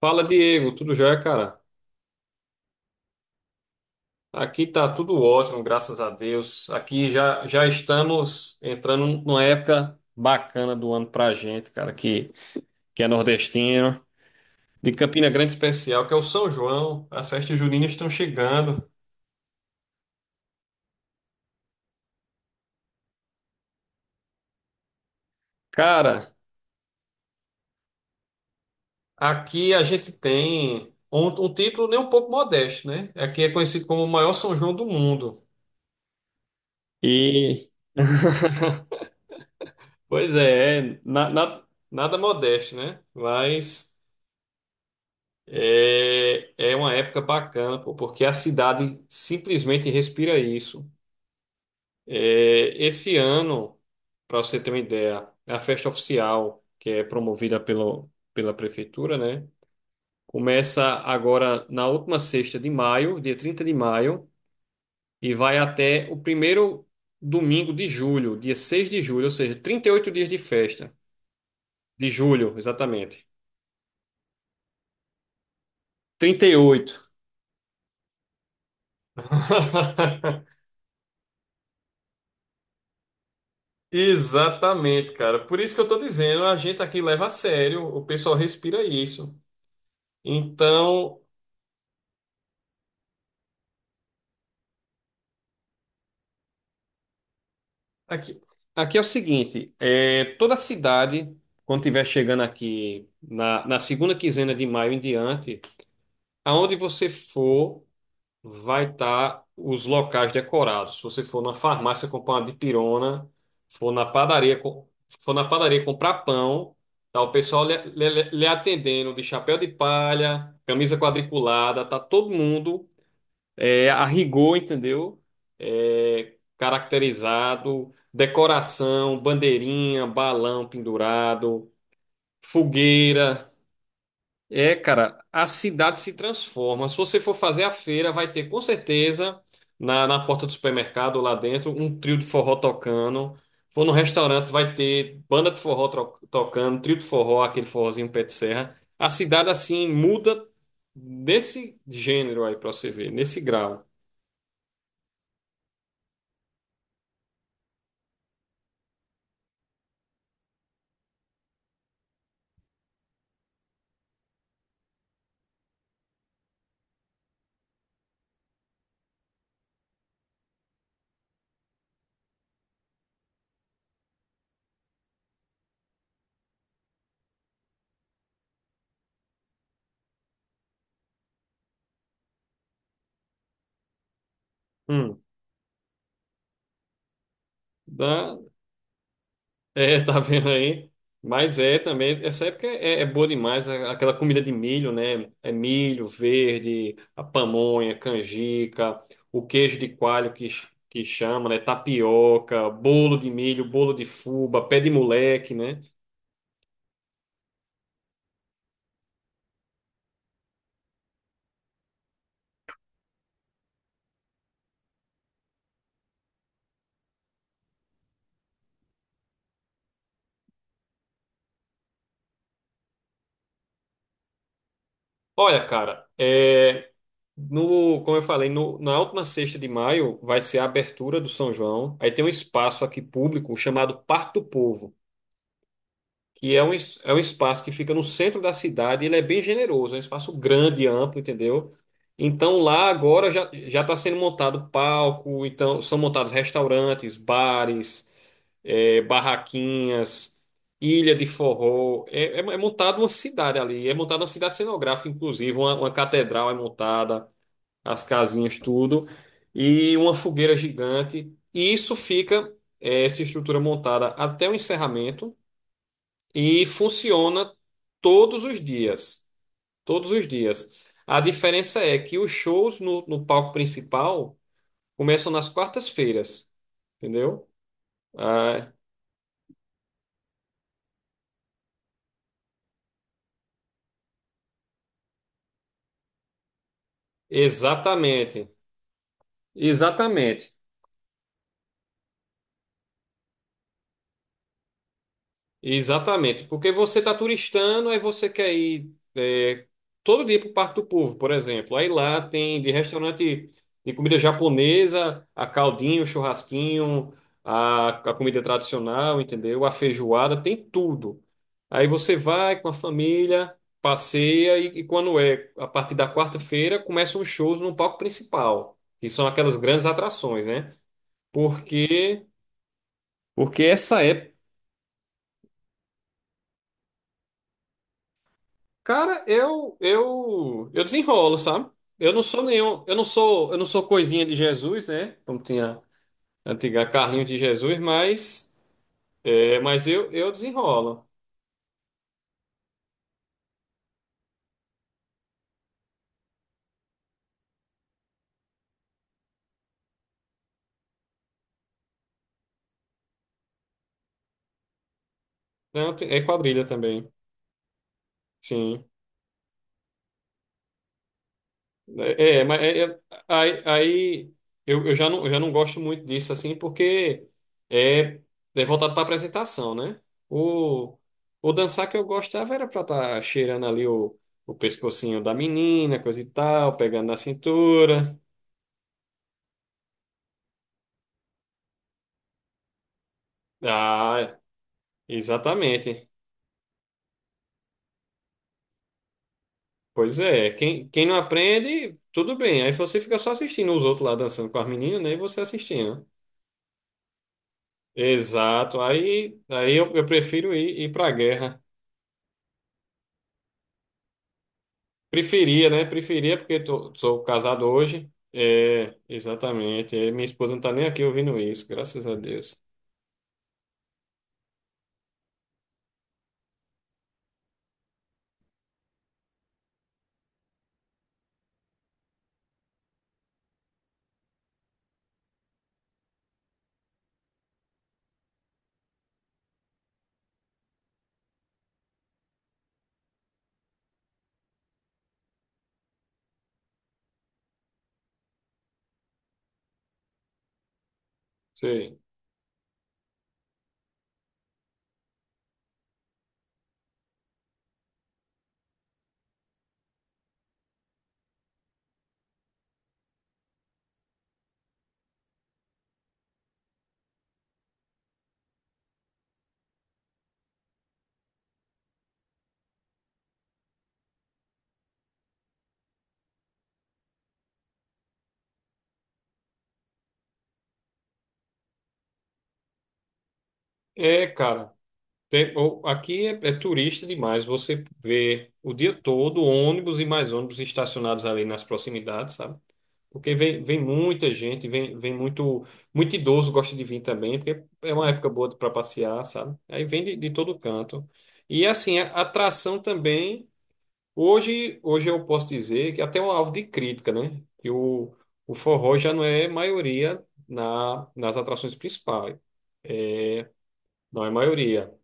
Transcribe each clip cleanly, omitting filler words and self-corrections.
Fala, Diego, tudo jóia, cara? Aqui tá tudo ótimo, graças a Deus. Aqui já, já estamos entrando numa época bacana do ano pra gente, cara, que é nordestino, de Campina Grande especial, que é o São João. As festas juninas estão chegando. Cara, aqui a gente tem um título nem um pouco modesto, né? Aqui é conhecido como o maior São João do mundo. E. Pois é, nada modesto, né? Mas é uma época bacana, pô, porque a cidade simplesmente respira isso. É, esse ano, para você ter uma ideia, é a festa oficial, que é promovida pelo, pela prefeitura, né? Começa agora na última sexta de maio, dia 30 de maio, e vai até o primeiro domingo de julho, dia 6 de julho, ou seja, 38 dias de festa. De julho, exatamente. 38. Exatamente, cara. Por isso que eu tô dizendo, a gente aqui leva a sério, o pessoal respira isso. Então, aqui, aqui é o seguinte, é, toda cidade, quando estiver chegando aqui na segunda quinzena de maio em diante, aonde você for, vai estar os locais decorados. Se você for na farmácia comprar uma dipirona, for na padaria, co- for na padaria comprar pão, tá o pessoal lhe atendendo de chapéu de palha, camisa quadriculada, tá todo mundo a rigor, entendeu? É, caracterizado, decoração, bandeirinha, balão pendurado, fogueira. É, cara, a cidade se transforma. Se você for fazer a feira, vai ter com certeza na porta do supermercado lá dentro um trio de forró tocando. For no restaurante, vai ter banda de forró tocando, trio de forró, aquele forrozinho pé de serra. A cidade assim muda nesse gênero aí pra você ver, nesse grau. Hum. É, tá vendo aí? Mas é também, essa época é boa demais, aquela comida de milho, né? É milho verde, a pamonha, canjica, o queijo de coalho que chama, né? Tapioca, bolo de milho, bolo de fubá, pé de moleque, né? Olha, cara, no, como eu falei, no, na última sexta de maio vai ser a abertura do São João. Aí tem um espaço aqui público chamado Parque do Povo, que é um espaço que fica no centro da cidade, ele é bem generoso, é um espaço grande, amplo, entendeu? Então lá agora já já está sendo montado palco, então são montados restaurantes, bares, barraquinhas, ilha de forró, é montada uma cidade ali, é montada uma cidade cenográfica, inclusive uma catedral é montada, as casinhas tudo e uma fogueira gigante. E isso fica essa estrutura montada até o encerramento. E funciona todos os dias. Todos os dias. A diferença é que os shows no palco principal começam nas quartas-feiras, entendeu? Ah, exatamente. Exatamente. Exatamente, porque você está turistando, aí você quer ir todo dia para o Parque do Povo, por exemplo. Aí lá tem de restaurante de comida japonesa, a caldinho, churrasquinho, a comida tradicional, entendeu? A feijoada, tem tudo. Aí você vai com a família, passeia e quando é a partir da quarta-feira começam os shows no palco principal, que são aquelas grandes atrações, né? Porque porque essa época. Cara, eu desenrolo, sabe? Eu não sou nenhum, eu não sou coisinha de Jesus, né? Como tinha a antiga carrinho de Jesus, mas eu desenrolo. Não, é quadrilha também. Sim. É, é, mas aí eu já não gosto muito disso, assim, porque é, é voltado para apresentação, né? O, o dançar que eu gostava era para estar tá cheirando ali o pescocinho da menina, coisa e tal, pegando na cintura. Ah, exatamente. Pois é, quem não aprende, tudo bem. Aí você fica só assistindo os outros lá dançando com as meninas, né? E você assistindo. Exato. Aí eu prefiro ir para a guerra. Preferia, né? Preferia, porque sou casado hoje. É, exatamente. É, minha esposa não tá nem aqui ouvindo isso, graças a Deus. Sei. É, cara, aqui é turista demais. Você vê o dia todo ônibus e mais ônibus estacionados ali nas proximidades, sabe? Porque vem muita gente, vem muito, muito idoso gosta de vir também, porque é uma época boa para passear, sabe? Aí vem de todo canto. E assim, a atração também. Hoje eu posso dizer que até é um alvo de crítica, né? Que o forró já não é maioria nas atrações principais. Não é maioria. O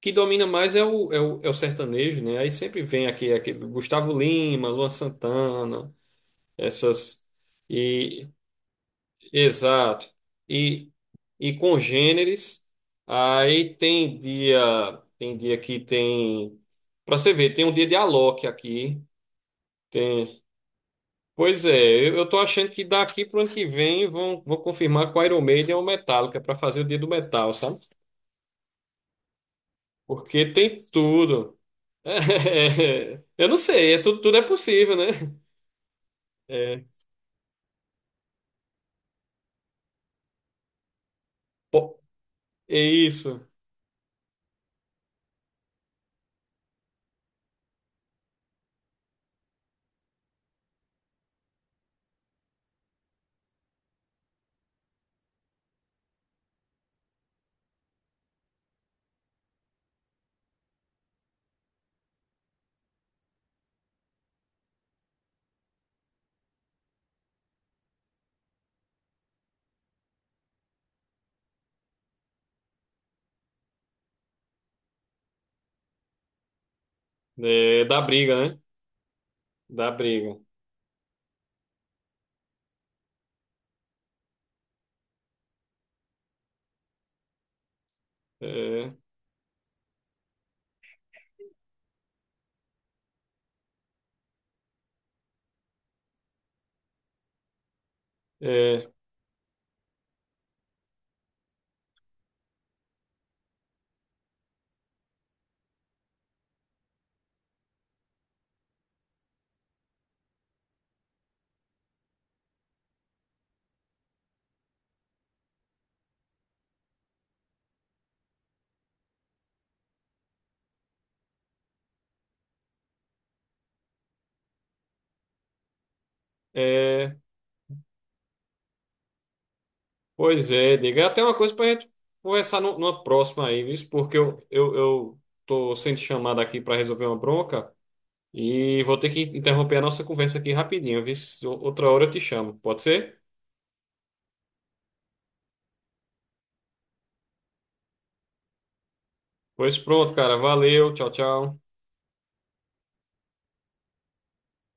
que domina mais é o sertanejo, né? Aí sempre vem aqui, aquele Gustavo Lima, Luan Santana, essas. E, exato. E, e congêneres. Aí tem dia que tem. Pra você ver, tem um dia de Alok aqui. Tem. Pois é, eu tô achando que daqui pro ano que vem vão confirmar com o Iron Maiden ou Metallica para fazer o Dia do Metal, sabe? Porque tem tudo. É, eu não sei, é tudo, tudo é possível, né? É, pô, é isso. É, dá briga, né? Dá briga. É, é, é. Pois é, diga. É até uma coisa pra gente conversar numa próxima aí, viu? Porque eu tô sendo chamado aqui para resolver uma bronca. E vou ter que interromper a nossa conversa aqui rapidinho, viu? Outra hora eu te chamo, pode ser? Pois pronto, cara. Valeu, tchau, tchau.